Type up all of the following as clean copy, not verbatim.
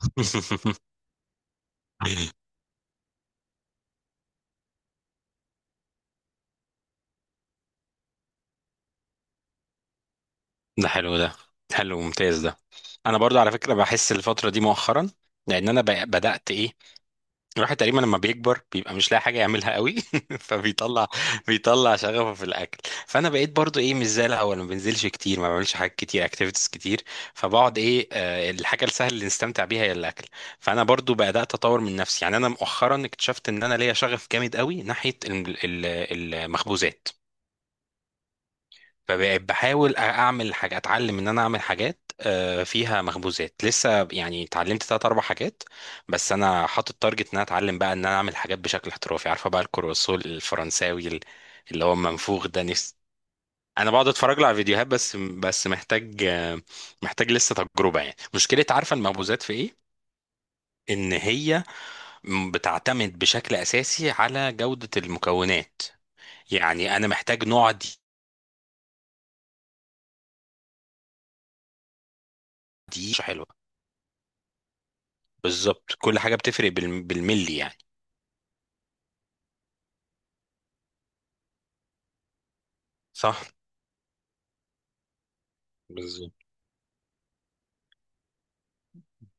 ده حلو ده حلو ممتاز ده. انا برضو على فكره بحس الفتره دي مؤخرا لان انا بدات ايه. الواحد تقريبا لما بيكبر بيبقى مش لاقي حاجه يعملها قوي فبيطلع شغفه في الاكل. فانا بقيت برضو ايه مش زي الاول، ما بنزلش كتير، ما بعملش حاجات كتير، اكتيفيتيز كتير، فبقعد ايه الحاجه السهله اللي نستمتع بيها هي الاكل. فانا برضو بدات اطور من نفسي. يعني انا مؤخرا اكتشفت ان انا ليا شغف جامد قوي ناحيه المخبوزات. فبقيت بحاول اعمل حاجه، اتعلم ان انا اعمل حاجات فيها مخبوزات. لسه يعني اتعلمت تلات اربع حاجات، بس انا حاطط تارجت ان انا اتعلم بقى ان انا اعمل حاجات بشكل احترافي. عارفه بقى الكرواسون الفرنساوي اللي هو المنفوخ ده، نفسي. انا بقعد اتفرج له على فيديوهات بس. محتاج محتاج لسه تجربه. يعني مشكله عارفه المخبوزات في ايه؟ ان هي بتعتمد بشكل اساسي على جوده المكونات. يعني انا محتاج نوع دي. دي حلوه. بالظبط كل حاجة بتفرق بالملي يعني. صح. بالظبط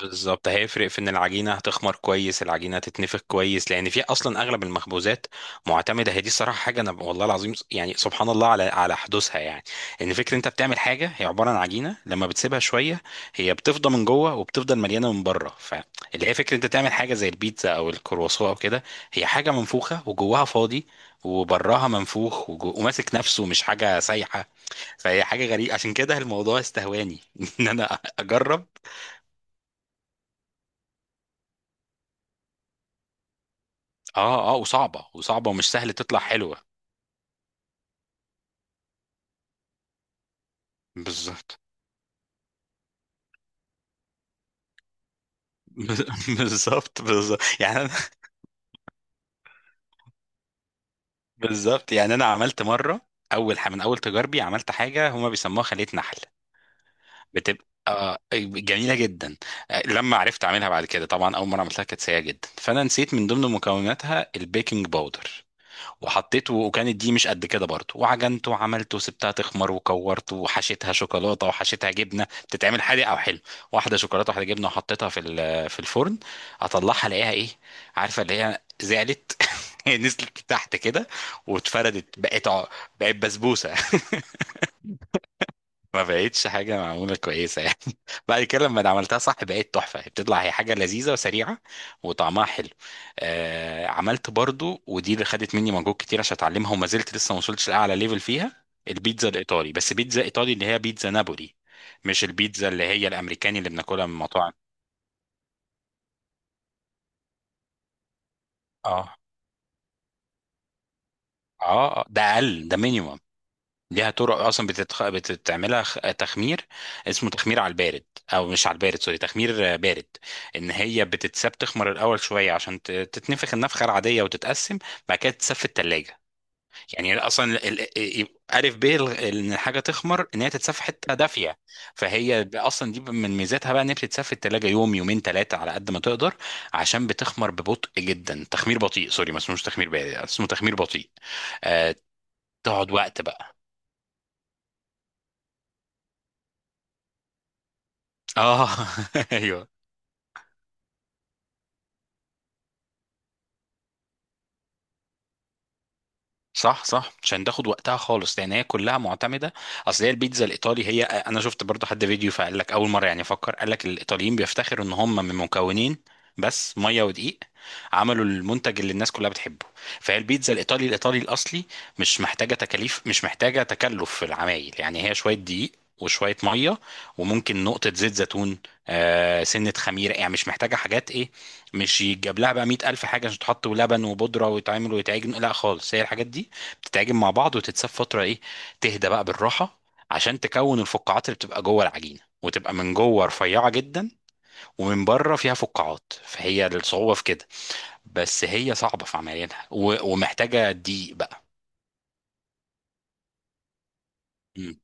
بالظبط هيفرق في ان العجينه هتخمر كويس، العجينه هتتنفخ كويس. لان في اصلا اغلب المخبوزات معتمده، هي دي الصراحه حاجه انا والله العظيم يعني سبحان الله على حدوثها يعني. ان فكره انت بتعمل حاجه هي عباره عن عجينه، لما بتسيبها شويه هي بتفضى من جوه وبتفضل مليانه من بره. فاللي هي فكره انت تعمل حاجه زي البيتزا او الكرواسون او كده، هي حاجه منفوخه وجواها فاضي وبراها منفوخ وماسك نفسه، مش حاجه سايحه. فهي حاجه غريبه عشان كده الموضوع استهواني ان انا اجرب. اه اه، وصعبه ومش سهل تطلع حلوه. بالظبط. بالظبط يعني انا. بالظبط يعني انا عملت مره، من اول تجاربي عملت حاجه هما بيسموها خليه نحل. بتبقى جميله جدا. لما عرفت اعملها بعد كده. طبعا اول مره عملتها كانت سيئه جدا، فانا نسيت من ضمن مكوناتها البيكنج باودر، وحطيته وكانت دي مش قد كده برضه، وعجنته وعملته وسبتها تخمر وكورته وحشيتها شوكولاته وحشيتها جبنه، بتتعمل حادق او حلو. واحده شوكولاته واحده جبنه، وحطيتها في في الفرن. اطلعها الاقيها ايه؟ عارفه اللي هي زعلت. هي نزلت تحت كده واتفردت بقت بسبوسه. ما بقتش حاجة معمولة كويسة يعني. بعد كده لما عملتها صح بقت تحفة، بتطلع هي حاجة لذيذة وسريعة وطعمها حلو. آه، عملت برضو، ودي اللي خدت مني مجهود كتير عشان اتعلمها، وما زلت لسه ما وصلتش لأعلى ليفل فيها، البيتزا الإيطالي. بس بيتزا إيطالي اللي هي بيتزا نابولي، مش البيتزا اللي هي الأمريكاني اللي بناكلها من مطاعم. اه اه ده أقل، ده مينيمم. ليها طرق اصلا بتعملها تخمير، اسمه تخمير على البارد. او مش على البارد، سوري، تخمير بارد. ان هي بتتساب تخمر الاول شويه عشان تتنفخ النفخه العاديه وتتقسم، بعد كده تتساب في الثلاجه. يعني اصلا ان الحاجه تخمر ان هي تتساب في حته دافيه. فهي اصلا دي من ميزاتها بقى ان هي بتتساب في الثلاجه يوم يومين ثلاثه على قد ما تقدر، عشان بتخمر ببطء جدا، تخمير بطيء. سوري، ما اسمهوش تخمير بارد، اسمه تخمير بطيء. آه، تقعد وقت بقى. اه. ايوه. صح صح، عشان تاخد وقتها خالص، لان هي كلها معتمده. اصل هي البيتزا الايطالي، هي انا شفت برضو حد فيديو فقال لك اول مره يعني، فكر، قال لك الايطاليين بيفتخروا ان هم من مكونين بس، ميه ودقيق، عملوا المنتج اللي الناس كلها بتحبه. فهي البيتزا الايطالي الايطالي الاصلي مش محتاجه تكاليف، مش محتاجه تكلف في العمايل، يعني هي شويه دقيق وشويه ميه وممكن نقطه زيت زيتون، آه سنه خميره، يعني مش محتاجه حاجات ايه، مش يتجاب لها بقى 100,000 حاجه عشان تحط ولبن وبودره ويتعمل ويتعجن. لا خالص، هي الحاجات دي تتعجن مع بعض وتتساب فتره ايه، تهدى بقى بالراحه، عشان تكون الفقاعات اللي بتبقى جوه العجينه وتبقى من جوه رفيعه جدا، ومن بره فيها فقاعات. فهي الصعوبه في كده. بس هي صعبه في عمليتها ومحتاجه دقيق بقى. مم.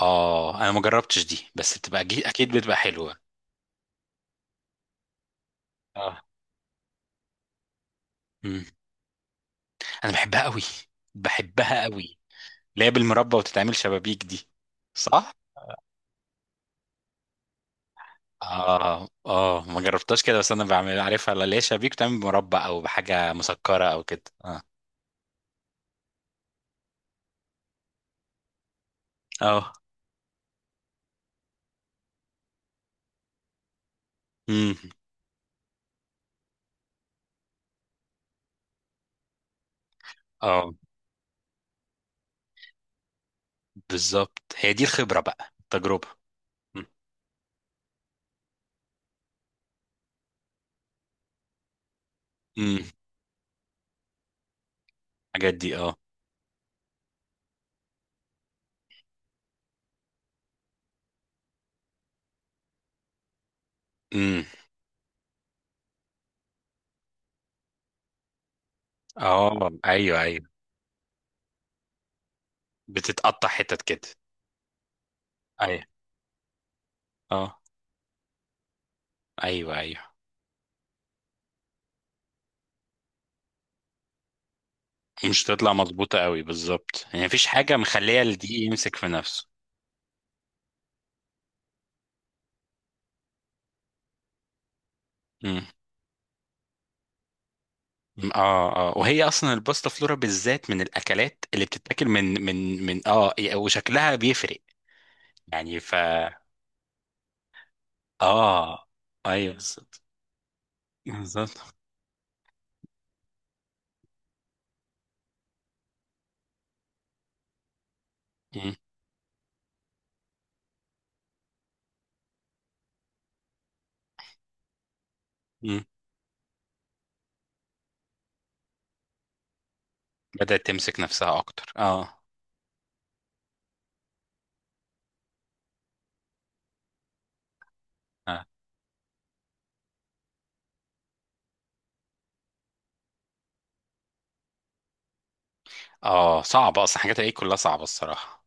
اه انا ما جربتش دي، بس بتبقى اكيد بتبقى حلوه. اه. مم. انا بحبها قوي. بحبها قوي، اللي هي بالمربى وتتعمل شبابيك دي. صح. اه اه، ما جربتهاش كده، بس انا بعمل عارفها اللي هي شبابيك، بتعمل مربى او بحاجه مسكره او كده. اه اه، امم، اه. بالظبط، هي دي الخبره بقى، التجربه. امم. أمم. الحاجات دي اه. امم. اه. ايوه ايوه، بتتقطع حتت كده. ايوه اه. ايوه ايوه. مش تطلع مظبوطه قوي. بالظبط، يعني مفيش حاجه مخليه الدقيق يمسك في نفسه. امم. اه اه، وهي اصلا الباستا فلورا بالذات من الاكلات اللي بتتاكل من من من اه وشكلها بيفرق. يعني ف اه. ايوه بالظبط. بالظبط. مم. مم. بدأت تمسك نفسها اكتر اه. اه صعبة اصلا، حاجات الايه كلها صعبة الصراحة.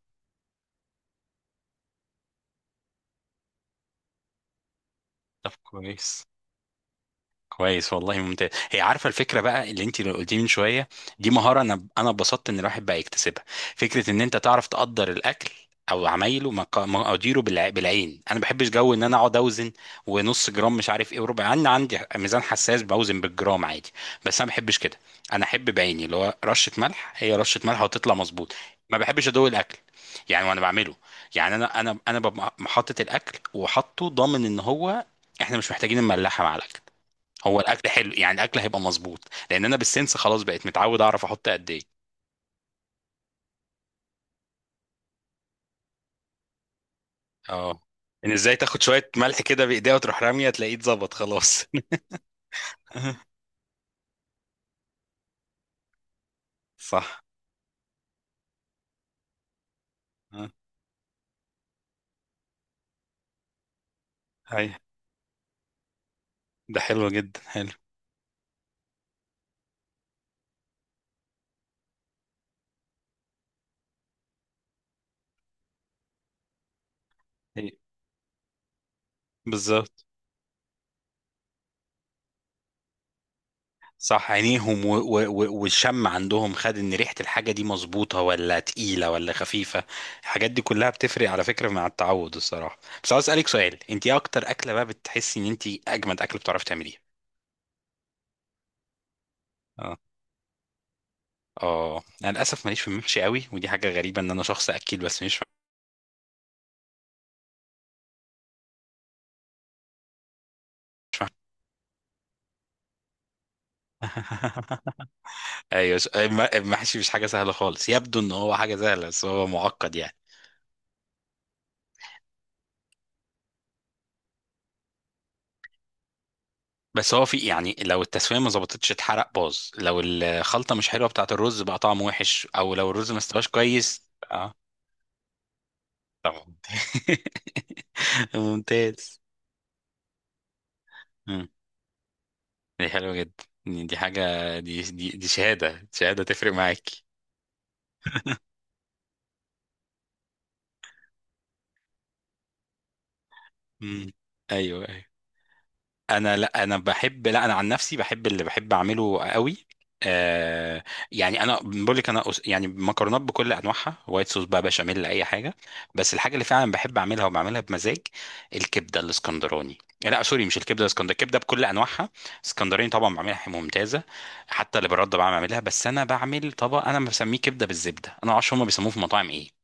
طب كويس. كويس والله، ممتاز. هي عارفه الفكره بقى اللي انت قلتيه من شويه، دي مهاره انا اتبسطت ان الواحد بقى يكتسبها. فكره ان انت تعرف تقدر الاكل او عمايله مقاديره بالعين. انا ما بحبش جو ان انا اقعد اوزن ونص جرام مش عارف ايه وربع. انا عندي ميزان حساس بوزن بالجرام عادي، بس انا ما بحبش كده. انا احب بعيني اللي هو رشه ملح، هي رشه ملح وتطلع مظبوط. ما بحبش ادوق الاكل يعني وانا بعمله. يعني انا ببقى حاطط الاكل وحاطه ضامن ان هو احنا مش محتاجين نملحها مع الاكل. هو الاكل حلو يعني، الاكل هيبقى مظبوط، لان انا بالسنس خلاص بقيت متعود اعرف احط قد ايه. اه، ان ازاي تاخد شويه ملح كده بايديها وتروح راميه تلاقيه اتظبط خلاص. صح. آه. هاي، ده حلو جدا، حلو. هي. بالظبط. صح، عينيهم والشم عندهم خد، ان ريحه الحاجه دي مظبوطه ولا تقيله ولا خفيفه. الحاجات دي كلها بتفرق على فكره مع التعود الصراحه. بس عاوز اسالك سؤال، انت ايه اكتر اكله بقى بتحسي ان انت اجمد اكل بتعرفي تعمليها؟ اه، انا للاسف ماليش في المحشي قوي، ودي حاجه غريبه ان انا شخص اكل بس مش. ايوه، المحشي مش حاجه سهله خالص، يبدو ان هو حاجه سهله بس هو معقد يعني. بس هو في يعني، لو التسويه ما ظبطتش اتحرق باظ، لو الخلطه مش حلوه بتاعه الرز بقى طعمه وحش، او لو الرز ما استواش كويس. اه، طبعا. ممتاز. مم. دي حلوه جدا، دي حاجه، دي شهاده، شهاده تفرق معاك. مم. ايوه أيوة. انا لا انا بحب لا انا عن نفسي بحب اللي بحب اعمله قوي. آه، يعني انا بقول لك يعني مكرونات بكل انواعها، وايت صوص بقى، بشاميل، اي حاجه. بس الحاجه اللي فعلا بحب اعملها وبعملها بمزاج، الكبده الاسكندراني. لا سوري، مش الكبده الاسكندراني، الكبده بكل انواعها. اسكندراني طبعا بعملها ممتازه. حتى اللي برده بعمل اعملها، بس انا بعمل طبق انا بسميه كبده بالزبده، انا معرفش هما بيسموه في المطاعم ايه.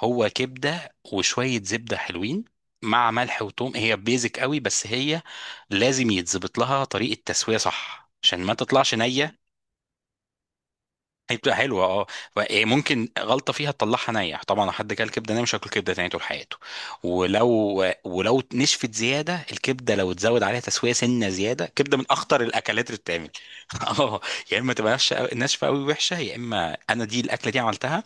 هو كبده وشويه زبده حلوين مع ملح وثوم، هي بيزك قوي. بس هي لازم يتظبط لها طريقه تسويه صح عشان ما تطلعش نيه. هي بتبقى حلوه اه إيه، ممكن غلطه فيها تطلعها نيه. طبعا لو حد كل كبده نيه مش هياكل كبده تاني طول حياته. ولو نشفت زياده الكبده، لو اتزود عليها تسويه سنه زياده، كبده من اخطر الاكلات اللي بتتعمل. اه. يا اما تبقى ناشفه قوي وحشه، يا اما انا دي الاكله دي عملتها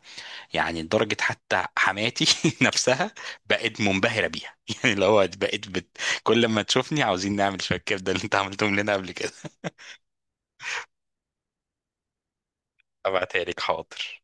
يعني لدرجه حتى حماتي نفسها بقت منبهره بيها. يعني اللي هو كل ما تشوفني عاوزين نعمل شويه كبده اللي انت عملتهم لنا قبل كده. ابعتها لك حاضر.